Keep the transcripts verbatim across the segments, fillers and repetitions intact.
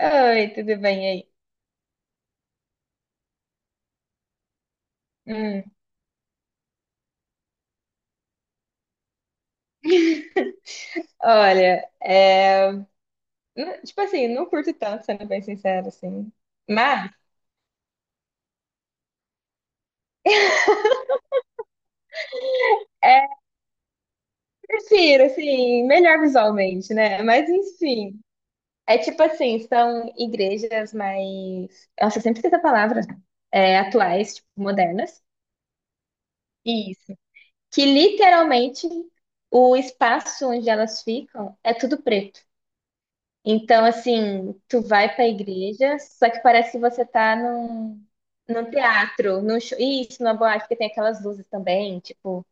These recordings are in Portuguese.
Oi, tudo bem aí? Hum. Olha, é... n- tipo assim, não curto tanto, sendo bem sincero, assim. Mas é, prefiro, assim, melhor visualmente, né? Mas enfim. É tipo assim, são igrejas mais. Nossa, eu sempre esqueço a palavra. É, atuais, tipo, modernas. Isso. Que literalmente o espaço onde elas ficam é tudo preto. Então, assim, tu vai pra igreja, só que parece que você tá num, num teatro, num show. Isso, numa boate, porque tem aquelas luzes também, tipo,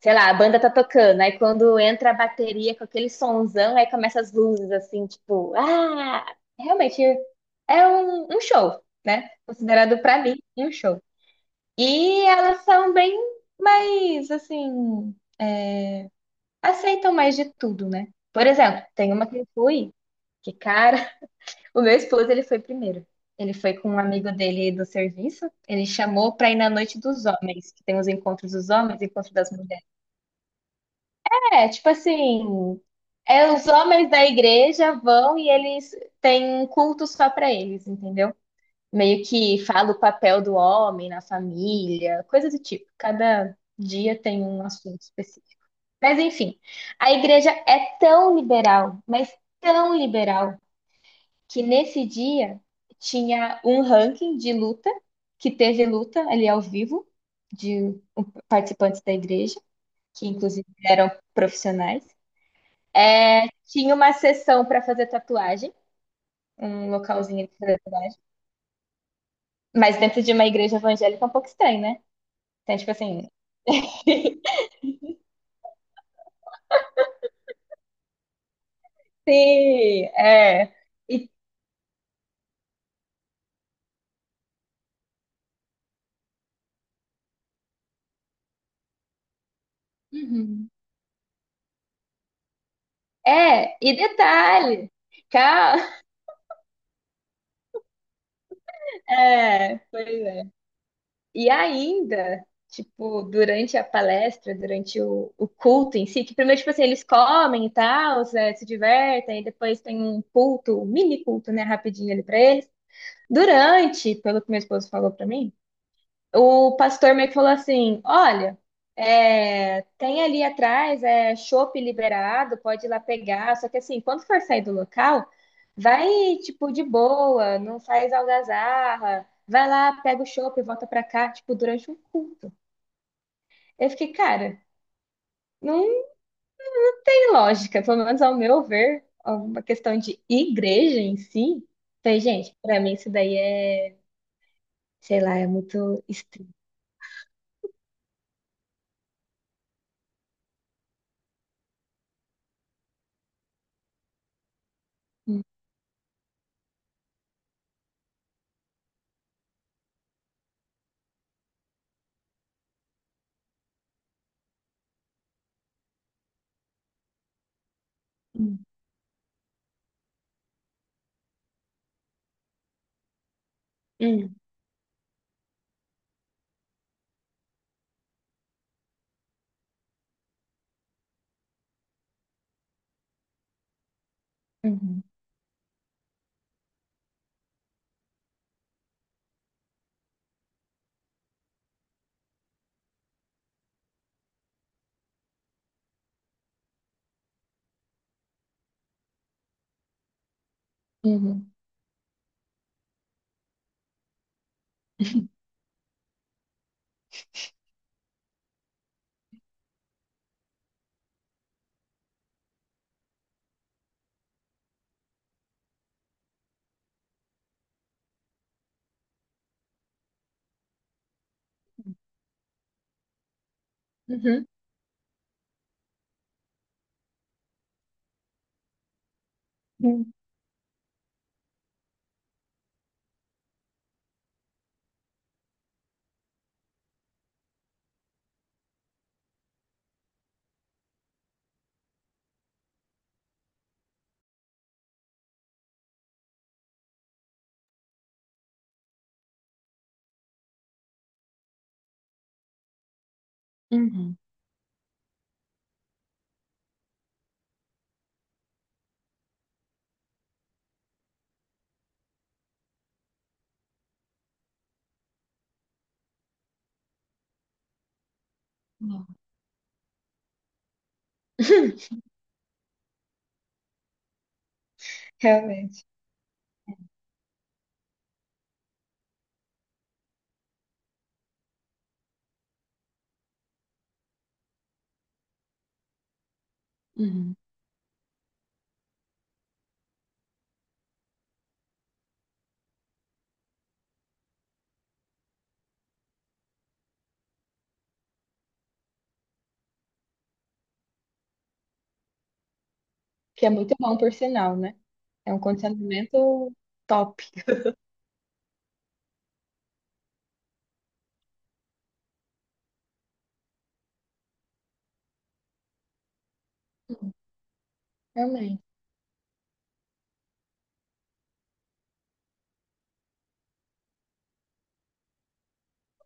sei lá, a banda tá tocando, aí quando entra a bateria com aquele sonzão, aí começa as luzes, assim, tipo, ah, realmente é um, um show, né? Considerado pra mim um show. E elas são bem mais, assim, é, aceitam mais de tudo, né? Por exemplo, tem uma que eu fui, que cara. O meu esposo, ele foi primeiro. Ele foi com um amigo dele do serviço. Ele chamou pra ir na noite dos homens, que tem os encontros dos homens, e encontro das mulheres. É, tipo assim, é os homens da igreja vão e eles têm um culto só pra eles, entendeu? Meio que fala o papel do homem na família, coisa do tipo. Cada dia tem um assunto específico. Mas enfim, a igreja é tão liberal, mas tão liberal que nesse dia tinha um ranking de luta, que teve luta ali ao vivo, de participantes da igreja, que inclusive eram profissionais. É, tinha uma sessão para fazer tatuagem, um localzinho para fazer tatuagem, mas dentro de uma igreja evangélica é um pouco estranho, né? Então, tipo assim, sim, é. E, Uhum. É, e detalhe, calma, é, pois é. E ainda, tipo, durante a palestra, durante o, o culto em si, que primeiro, tipo assim, eles comem e tal, se se divertem, e depois tem um culto, um mini culto, né, rapidinho ali pra eles. Durante, pelo que meu esposo falou pra mim, o pastor meio que falou assim: Olha, é, tem ali atrás é chopp liberado, pode ir lá pegar. Só que assim, quando for sair do local, vai tipo de boa, não faz algazarra, vai lá, pega o chopp e volta pra cá, tipo, durante um culto. Eu fiquei, cara, não tem lógica, pelo menos ao meu ver, uma questão de igreja em si. Falei, gente, pra mim isso daí é, sei lá, é muito estranho. Hum, hum, uhum, uhum, uhum. Uhum. Não. Realmente. Uhum. Que é muito bom, por sinal, né? É um condicionamento top. Uhum. Realmente.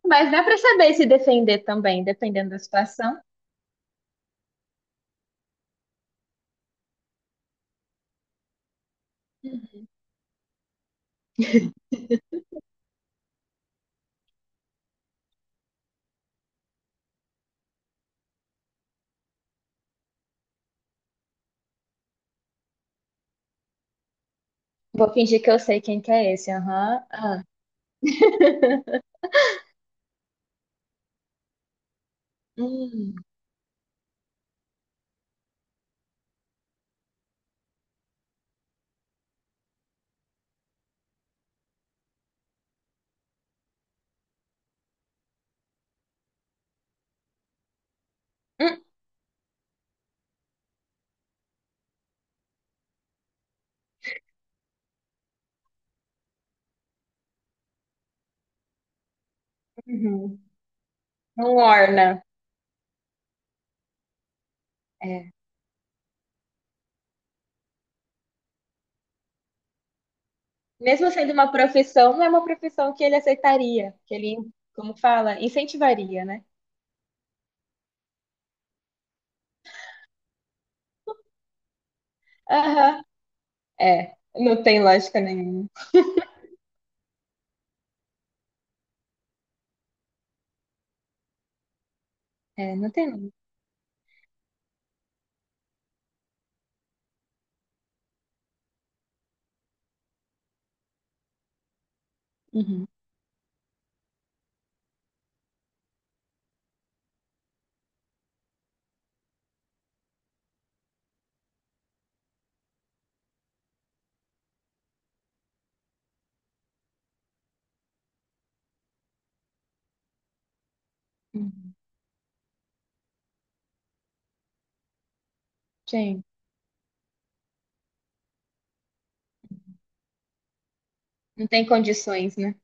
Mas dá pra saber se defender também, dependendo da situação. Uhum. Vou fingir que eu sei quem que é esse, aham. Ah. Hum. Hum. Uhum. Não orna. É. Mesmo sendo uma profissão, não é uma profissão que ele aceitaria, que ele, como fala, incentivaria, né? Aham. É, não tem lógica nenhuma. É, não tem. Uhum. Uhum. Gente. Não tem condições, né?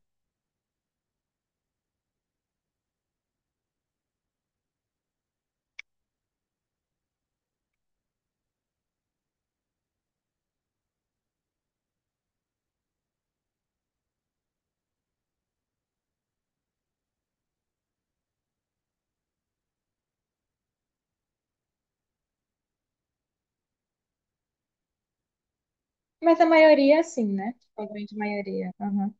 Mas a maioria, é assim, né? Tipo, a grande maioria. Aham.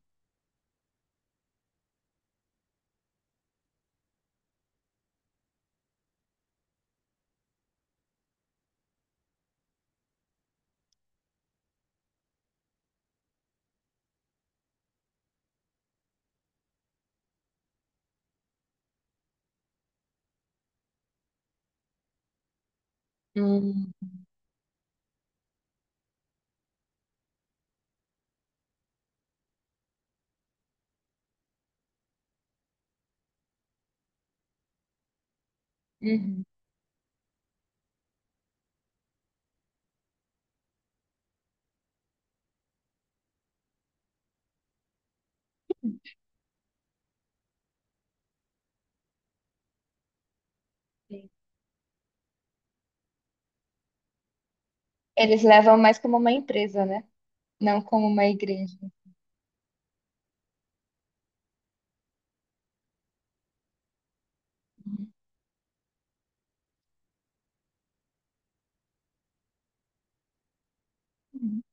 Hum, uhum. Sim. Eles levam mais como uma empresa, né? Não como uma igreja. Uhum.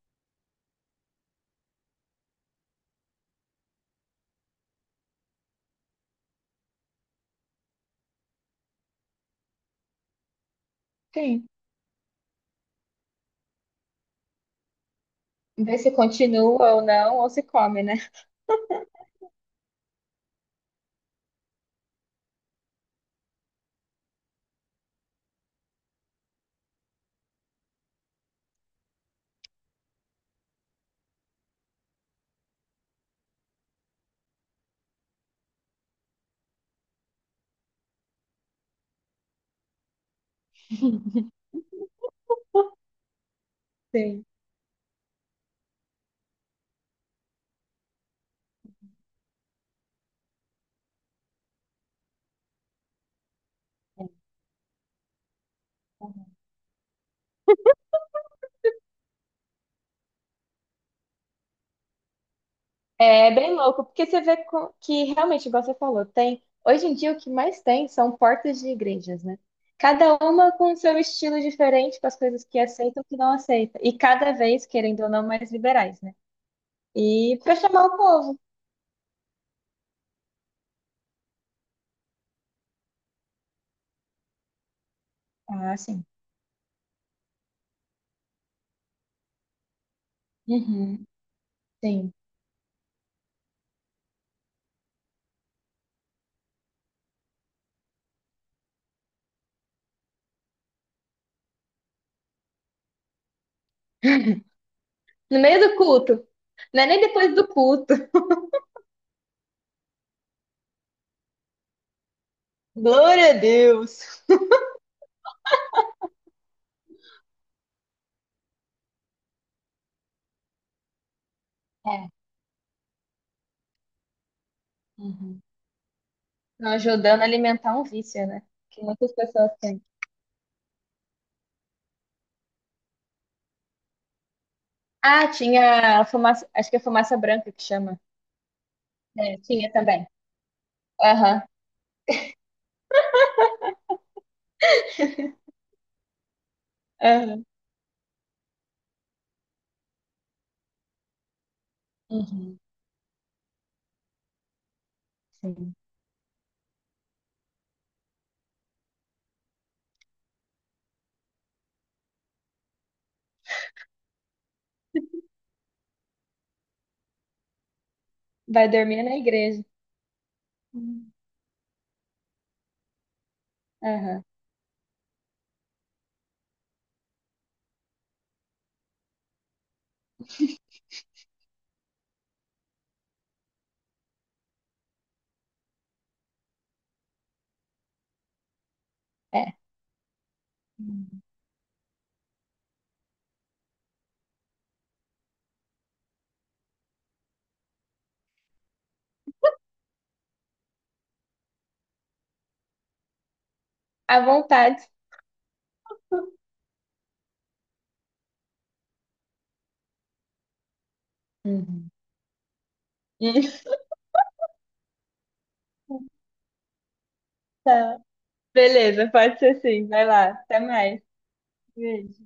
Sim. Ver se continua ou não, ou se come, né? Sim. É bem louco, porque você vê co- que realmente, igual você falou, tem. Hoje em dia o que mais tem são portas de igrejas, né? Cada uma com seu estilo diferente, com as coisas que aceita e o que não aceita. E cada vez, querendo ou não, mais liberais, né? E para chamar o povo. Ah, sim. Uhum. Sim. No meio do culto. Não é nem depois do culto. Glória a Deus. É. Uhum. Não, ajudando a alimentar um vício, né? Que muitas pessoas têm. Ah, tinha a fumaça, acho que é fumaça branca que chama. É, tinha também. Aham. Aham. Uhum, sim. Vai dormir na igreja. Uhum. Aham. É. Uhum. À vontade. Uhum. Tá. Beleza, pode ser sim. Vai lá. Até mais. Beijo.